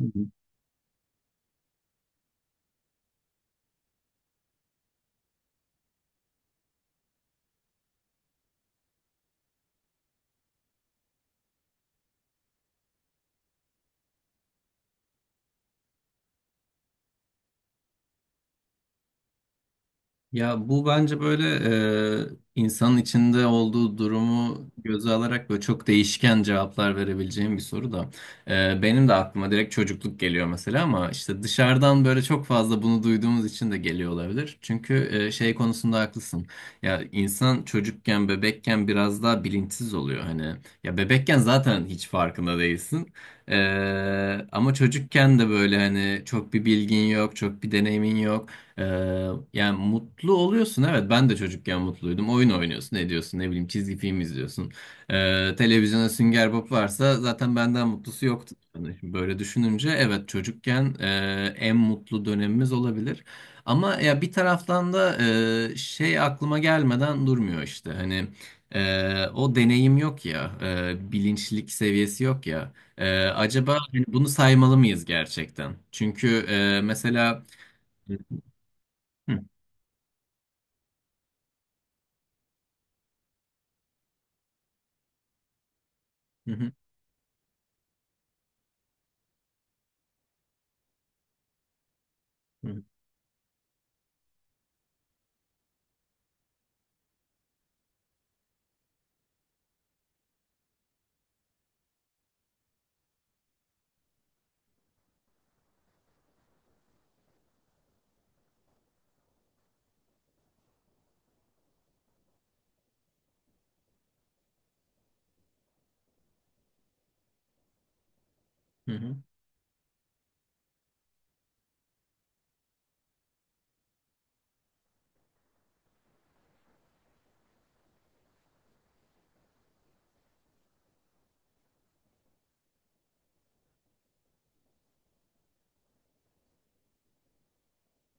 Hı hı. Ya bu bence böyle insanın içinde olduğu durumu göze alarak böyle çok değişken cevaplar verebileceğim bir soru da. Benim de aklıma direkt çocukluk geliyor mesela ama işte dışarıdan böyle çok fazla bunu duyduğumuz için de geliyor olabilir. Çünkü şey konusunda haklısın. Ya insan çocukken, bebekken biraz daha bilinçsiz oluyor. Hani ya bebekken zaten hiç farkında değilsin. E, ama çocukken de böyle hani çok bir bilgin yok, çok bir deneyimin yok. Ee, yani mutlu oluyorsun, evet, ben de çocukken mutluydum, oyun oynuyorsun, ne diyorsun, ne bileyim, çizgi film izliyorsun, televizyona Sünger Bob varsa zaten benden mutlusu yoktu. Yani şimdi böyle düşününce evet çocukken en mutlu dönemimiz olabilir ama ya bir taraftan da şey aklıma gelmeden durmuyor, işte hani o deneyim yok ya, bilinçlik seviyesi yok ya, acaba hani bunu saymalı mıyız gerçekten? Çünkü mesela Hı hı. Hı. Hı hı. Hı.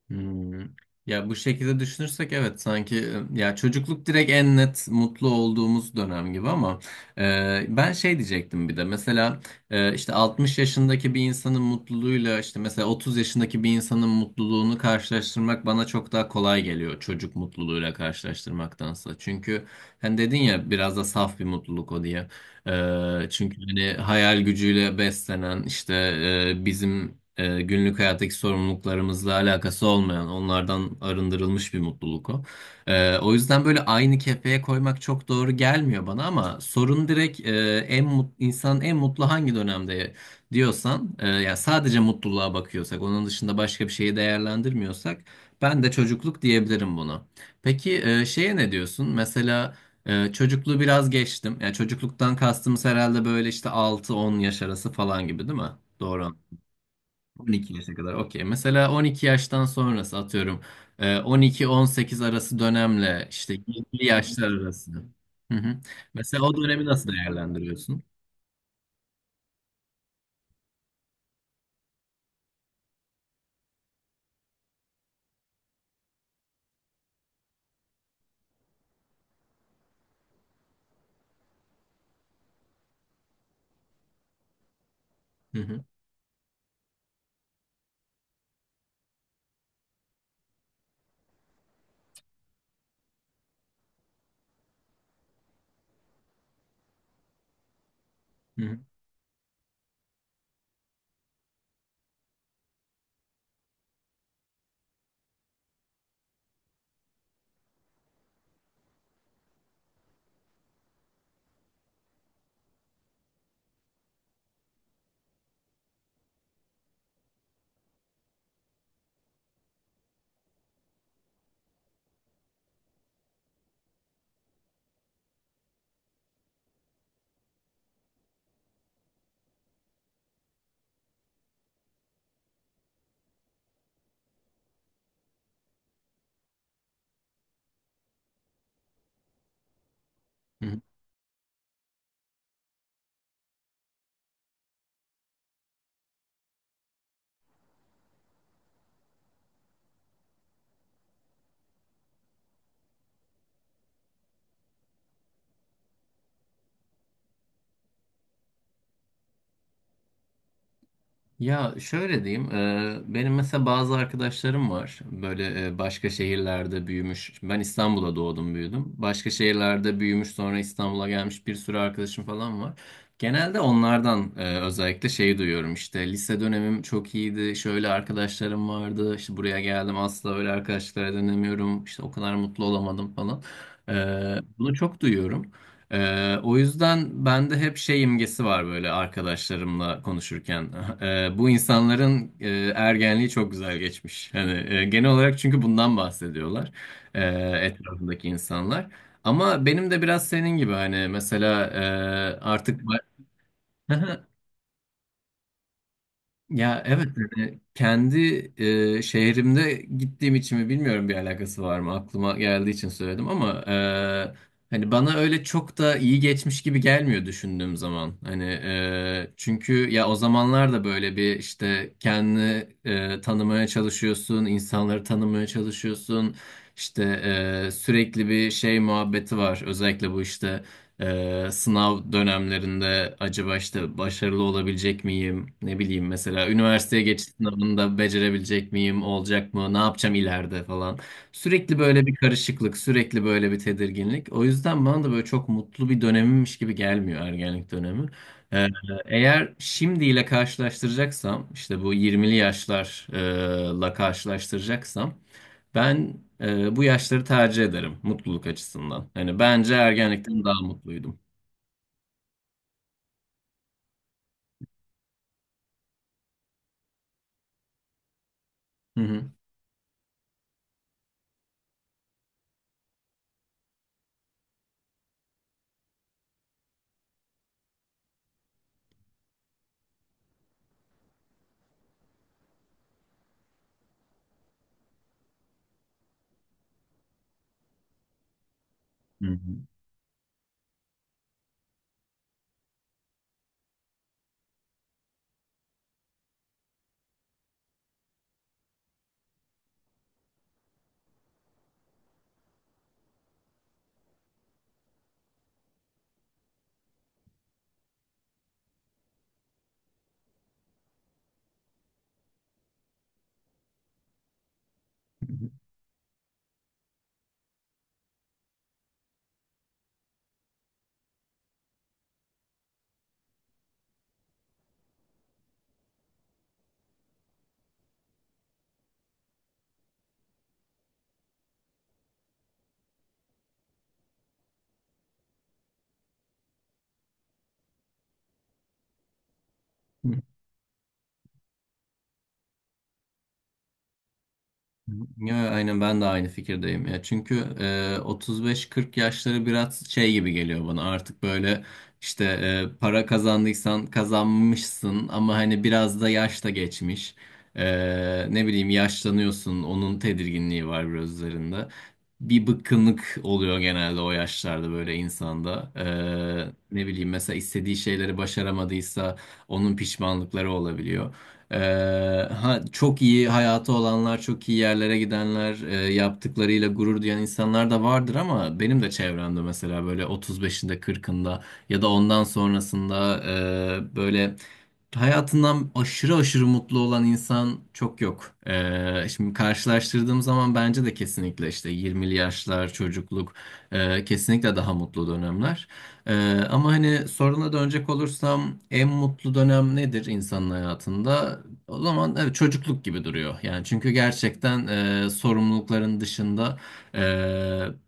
Hmm. Ya bu şekilde düşünürsek evet sanki ya çocukluk direkt en net mutlu olduğumuz dönem gibi ama ben şey diyecektim bir de mesela işte 60 yaşındaki bir insanın mutluluğuyla işte mesela 30 yaşındaki bir insanın mutluluğunu karşılaştırmak bana çok daha kolay geliyor çocuk mutluluğuyla karşılaştırmaktansa. Çünkü hani dedin ya biraz da saf bir mutluluk o diye. Çünkü hani hayal gücüyle beslenen işte bizim günlük hayattaki sorumluluklarımızla alakası olmayan, onlardan arındırılmış bir mutluluk o. O yüzden böyle aynı kefeye koymak çok doğru gelmiyor bana, ama sorun direkt insanın en mutlu hangi dönemde diyorsan, ya sadece mutluluğa bakıyorsak, onun dışında başka bir şeyi değerlendirmiyorsak, ben de çocukluk diyebilirim buna. Peki şeye ne diyorsun? Mesela çocukluğu biraz geçtim. Yani çocukluktan kastımız herhalde böyle işte 6-10 yaş arası falan gibi, değil mi? Doğru. 12 yaşa kadar, okey. Mesela 12 yaştan sonrası, atıyorum 12-18 arası dönemle işte 20 yaşlar arası. Hı hı. Mesela o dönemi nasıl değerlendiriyorsun? Hı hı. Hı hı. Hı hı. Ya şöyle diyeyim, benim mesela bazı arkadaşlarım var böyle, başka şehirlerde büyümüş. Ben İstanbul'da doğdum, büyüdüm. Başka şehirlerde büyümüş sonra İstanbul'a gelmiş bir sürü arkadaşım falan var. Genelde onlardan özellikle şeyi duyuyorum, işte lise dönemim çok iyiydi, şöyle arkadaşlarım vardı, işte buraya geldim asla öyle arkadaşlara dönemiyorum, işte o kadar mutlu olamadım falan. E, bunu çok duyuyorum. O yüzden bende hep şey imgesi var böyle arkadaşlarımla konuşurken. Bu insanların ergenliği çok güzel geçmiş. Hani genel olarak, çünkü bundan bahsediyorlar e, etrafındaki insanlar. Ama benim de biraz senin gibi, hani mesela artık Ya evet, yani kendi şehrimde gittiğim için mi bilmiyorum, bir alakası var mı, aklıma geldiği için söyledim, ama hani bana öyle çok da iyi geçmiş gibi gelmiyor düşündüğüm zaman. Hani çünkü ya o zamanlar da böyle bir işte kendini tanımaya çalışıyorsun, insanları tanımaya çalışıyorsun, işte sürekli bir şey muhabbeti var özellikle bu işte. Sınav dönemlerinde acaba işte başarılı olabilecek miyim? Ne bileyim, mesela üniversiteye geçiş sınavında becerebilecek miyim? Olacak mı? Ne yapacağım ileride falan? Sürekli böyle bir karışıklık, sürekli böyle bir tedirginlik. O yüzden bana da böyle çok mutlu bir dönemimmiş gibi gelmiyor ergenlik dönemi. Ee, eğer şimdiyle karşılaştıracaksam, işte bu 20'li yaşlarla karşılaştıracaksam, ben bu yaşları tercih ederim mutluluk açısından. Hani bence ergenlikten daha mutluydum. Hı hı. Hı hı. Yo, aynen, ben de aynı fikirdeyim ya. Çünkü 35-40 yaşları biraz şey gibi geliyor bana. Artık böyle işte para kazandıysan kazanmışsın ama hani biraz da yaş da geçmiş. E, ne bileyim, yaşlanıyorsun. Onun tedirginliği var biraz üzerinde. Bir bıkkınlık oluyor genelde o yaşlarda böyle insanda. Ne bileyim, mesela istediği şeyleri başaramadıysa onun pişmanlıkları olabiliyor. Ha, çok iyi hayatı olanlar, çok iyi yerlere gidenler, yaptıklarıyla gurur duyan insanlar da vardır, ama benim de çevremde mesela böyle 35'inde, 40'ında ya da ondan sonrasında böyle hayatından aşırı aşırı mutlu olan insan çok yok. Şimdi karşılaştırdığım zaman bence de kesinlikle işte 20'li yaşlar, çocukluk, kesinlikle daha mutlu dönemler. Ama hani soruna dönecek olursam, en mutlu dönem nedir insanın hayatında? O zaman evet, çocukluk gibi duruyor. Yani çünkü gerçekten sorumlulukların dışında e,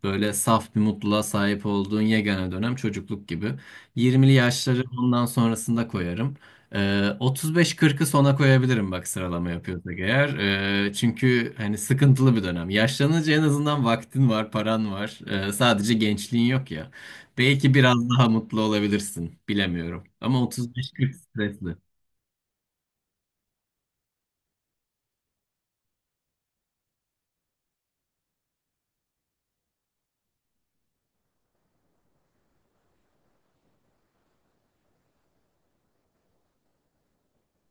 böyle saf bir mutluluğa sahip olduğun yegane dönem çocukluk gibi. 20'li yaşları ondan sonrasında koyarım. 35-40'ı sona koyabilirim, bak sıralama yapıyorsak eğer. Çünkü hani sıkıntılı bir dönem. Yaşlanınca en azından vaktin var, paran var. Sadece gençliğin yok ya. Belki biraz daha mutlu olabilirsin, bilemiyorum. Ama 35-40 stresli.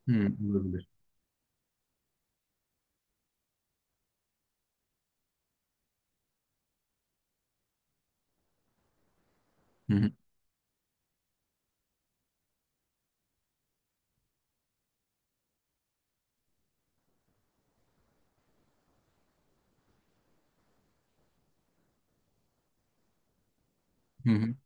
Hı, olabilir. Hı hı.